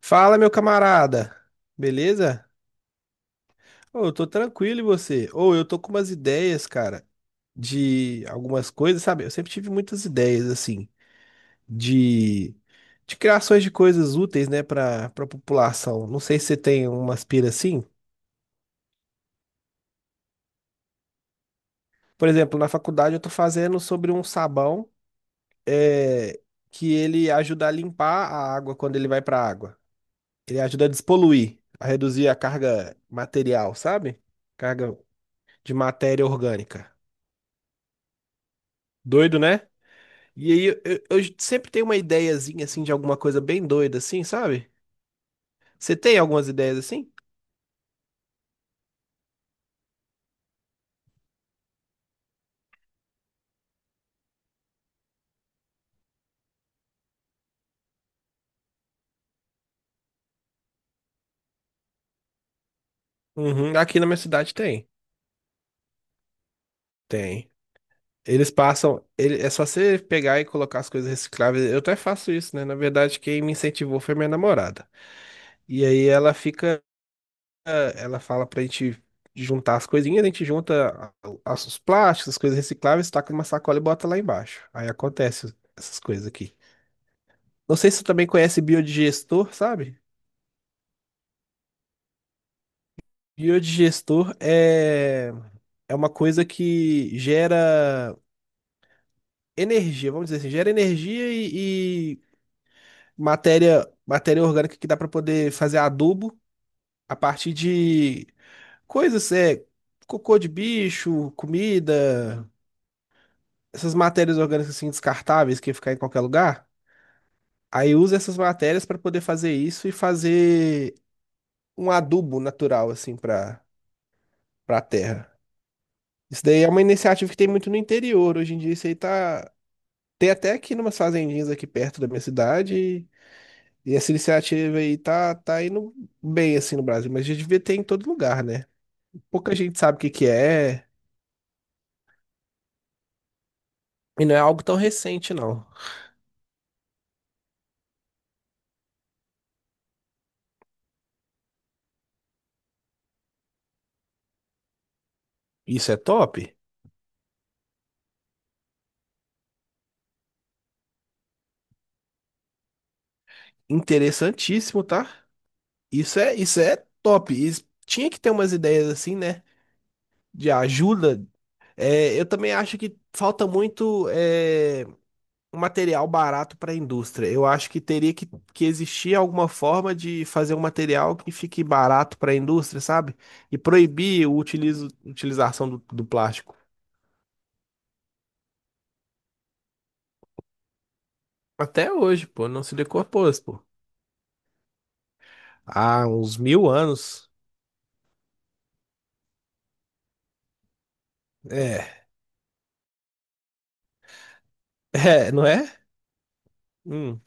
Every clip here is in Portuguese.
Fala, meu camarada. Beleza? Ô, eu tô tranquilo e você? Ou eu tô com umas ideias, cara, de algumas coisas, sabe? Eu sempre tive muitas ideias assim de de criações de coisas úteis, né, para população. Não sei se você tem umas pira assim. Por exemplo, na faculdade eu tô fazendo sobre um sabão é, que ele ajuda a limpar a água quando ele vai pra água. Ele ajuda a despoluir, a reduzir a carga material, sabe? Carga de matéria orgânica. Doido, né? E aí eu sempre tenho uma ideiazinha assim de alguma coisa bem doida assim, sabe? Você tem algumas ideias assim? Uhum, aqui na minha cidade tem. Tem. Eles passam, é só você pegar e colocar as coisas recicláveis. Eu até faço isso, né? Na verdade, quem me incentivou foi minha namorada. E aí ela fica, ela fala pra gente juntar as coisinhas, a gente junta os plásticos, as coisas recicláveis, taca numa sacola e bota lá embaixo. Aí acontece essas coisas aqui. Não sei se você também conhece biodigestor, sabe? Biodigestor é uma coisa que gera energia, vamos dizer assim, gera energia e matéria, matéria orgânica que dá para poder fazer adubo a partir de coisas, cocô de bicho, comida, essas matérias orgânicas assim descartáveis que ia ficar em qualquer lugar. Aí usa essas matérias para poder fazer isso e fazer um adubo natural assim para para a terra. Isso daí é uma iniciativa que tem muito no interior. Hoje em dia isso aí tá. Tem até aqui umas fazendinhas aqui perto da minha cidade. E essa iniciativa aí tá indo bem assim no Brasil, mas já devia ter em todo lugar, né? Pouca gente sabe o que que é, e não é algo tão recente, não. Isso é top? Interessantíssimo, tá? Isso é top. Tinha que ter umas ideias assim, né? De ajuda. É, eu também acho que falta muito. Um material barato para a indústria. Eu acho que teria que existir alguma forma de fazer um material que fique barato para a indústria, sabe? E proibir o utilização do plástico. Até hoje, pô, não se decompôs, pô. Há uns 1.000 anos. É, é, não é? Hum,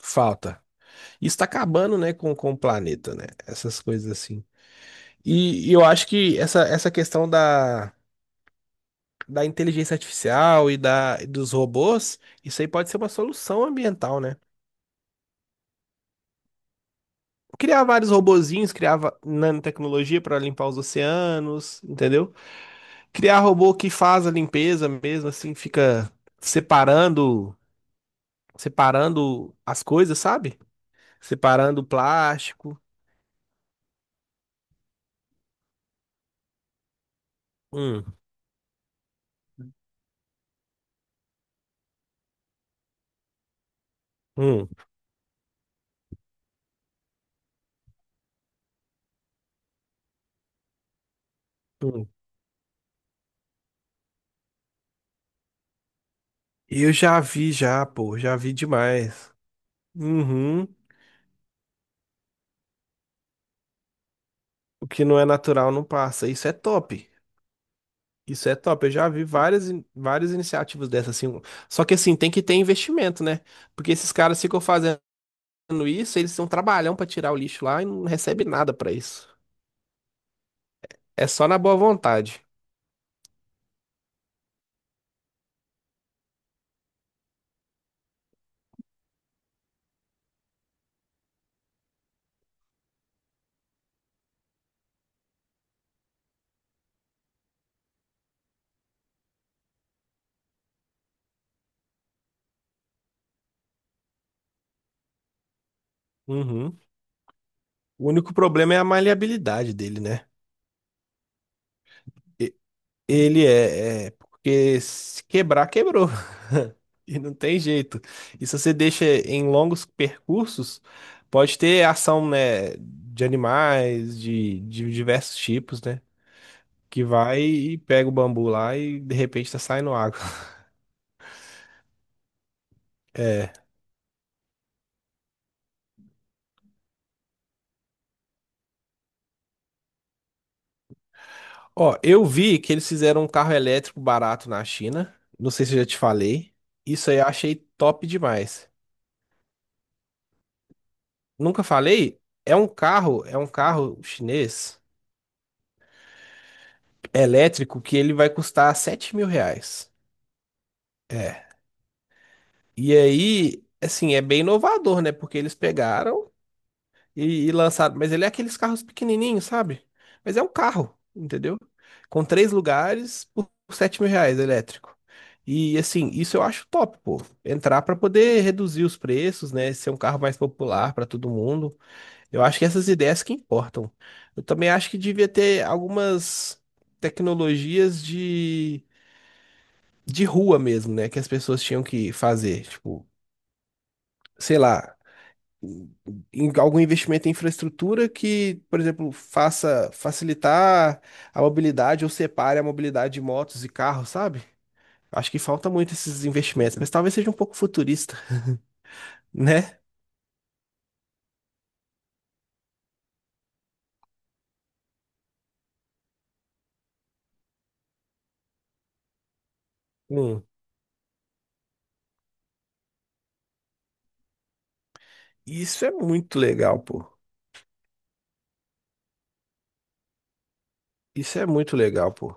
falta. Isso tá acabando, né, com o planeta, né? Essas coisas assim. E eu acho que essa questão da inteligência artificial e dos robôs, isso aí pode ser uma solução ambiental, né? Criar vários robozinhos, criar nanotecnologia para limpar os oceanos, entendeu? Criar robô que faz a limpeza mesmo, assim, fica separando, separando as coisas, sabe? Separando o plástico. Hum, hum, hum. Eu já vi já, pô, já vi demais. Uhum. O que não é natural não passa. Isso é top. Isso é top. Eu já vi várias iniciativas dessas, assim. Só que, assim, tem que ter investimento, né? Porque esses caras ficam fazendo isso, eles têm um trabalhão pra tirar o lixo lá e não recebe nada pra isso. É só na boa vontade. Uhum. O único problema é a maleabilidade dele, né? E- Ele é. Porque se quebrar, quebrou. E não tem jeito. E se você deixa em longos percursos, pode ter ação, né, de animais, de diversos tipos, né? Que vai e pega o bambu lá e de repente tá saindo água. É. Ó, eu vi que eles fizeram um carro elétrico barato na China. Não sei se eu já te falei. Isso aí eu achei top demais. Nunca falei? É um carro chinês elétrico que ele vai custar R$ 7.000. É. E aí, assim, é bem inovador, né? Porque eles pegaram e lançado. Mas ele é aqueles carros pequenininhos, sabe? Mas é um carro, entendeu? Com três lugares por R$ 7.000 elétrico. E assim, isso eu acho top, pô. Entrar para poder reduzir os preços, né? Ser um carro mais popular para todo mundo. Eu acho que essas ideias que importam. Eu também acho que devia ter algumas tecnologias de rua mesmo, né? Que as pessoas tinham que fazer. Tipo, sei lá em algum investimento em infraestrutura que, por exemplo, faça facilitar a mobilidade ou separe a mobilidade de motos e carros, sabe? Acho que falta muito esses investimentos, mas talvez seja um pouco futurista, né? Hum. Isso é muito legal, pô. Isso é muito legal, pô.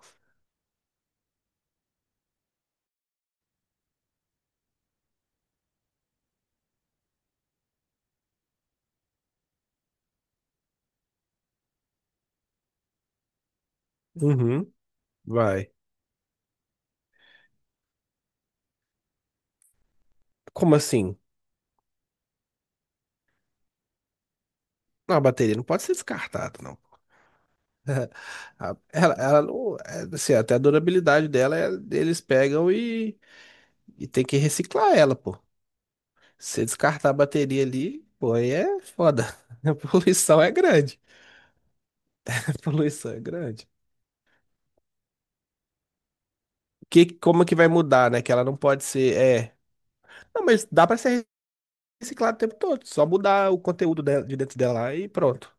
Uhum. Vai. Como assim? Não, a bateria não pode ser descartada, não. Ela não, é, assim, até a durabilidade dela, eles pegam e tem que reciclar ela, pô. Se você descartar a bateria ali, pô, aí é foda. A poluição é grande. A poluição é grande. Que, como que vai mudar, né? Que ela não pode ser. É. Não, mas dá pra ser reciclado o tempo todo. Só mudar o conteúdo dela, de dentro dela lá e pronto.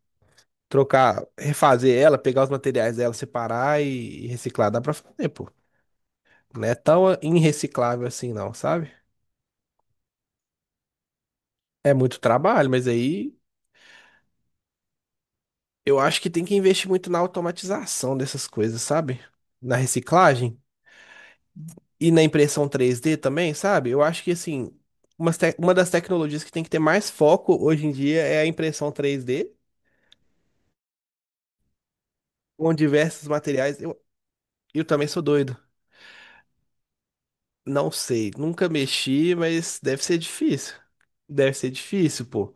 Trocar, refazer ela, pegar os materiais dela, separar e reciclar. Dá pra fazer, pô. Não é tão irreciclável assim, não, sabe? É muito trabalho, mas aí eu acho que tem que investir muito na automatização dessas coisas, sabe? Na reciclagem. E na impressão 3D também, sabe? Eu acho que, assim, uma das tecnologias que tem que ter mais foco hoje em dia é a impressão 3D, com diversos materiais. Eu também sou doido. Não sei, nunca mexi, mas deve ser difícil. Deve ser difícil, pô.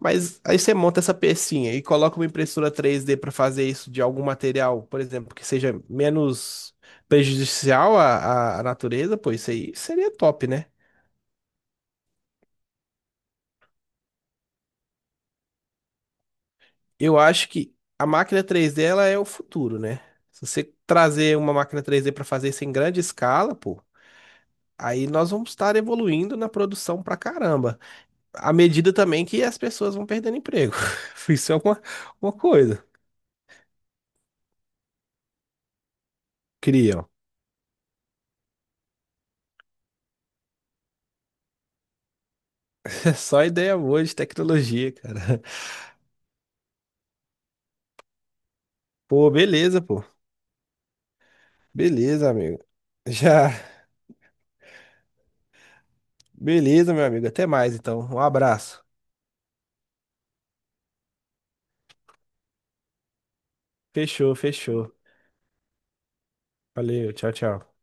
Mas aí você monta essa pecinha e coloca uma impressora 3D para fazer isso de algum material, por exemplo, que seja menos prejudicial à natureza, pô, isso aí seria top, né? Eu acho que a máquina 3D ela é o futuro, né? Se você trazer uma máquina 3D para fazer isso em grande escala, pô, aí nós vamos estar evoluindo na produção pra caramba. À medida também que as pessoas vão perdendo emprego. Isso é uma coisa. Criam. É só ideia boa de tecnologia, cara. Pô. Beleza, amigo. Já. Beleza, meu amigo. Até mais, então. Um abraço. Fechou, fechou. Valeu, tchau, tchau.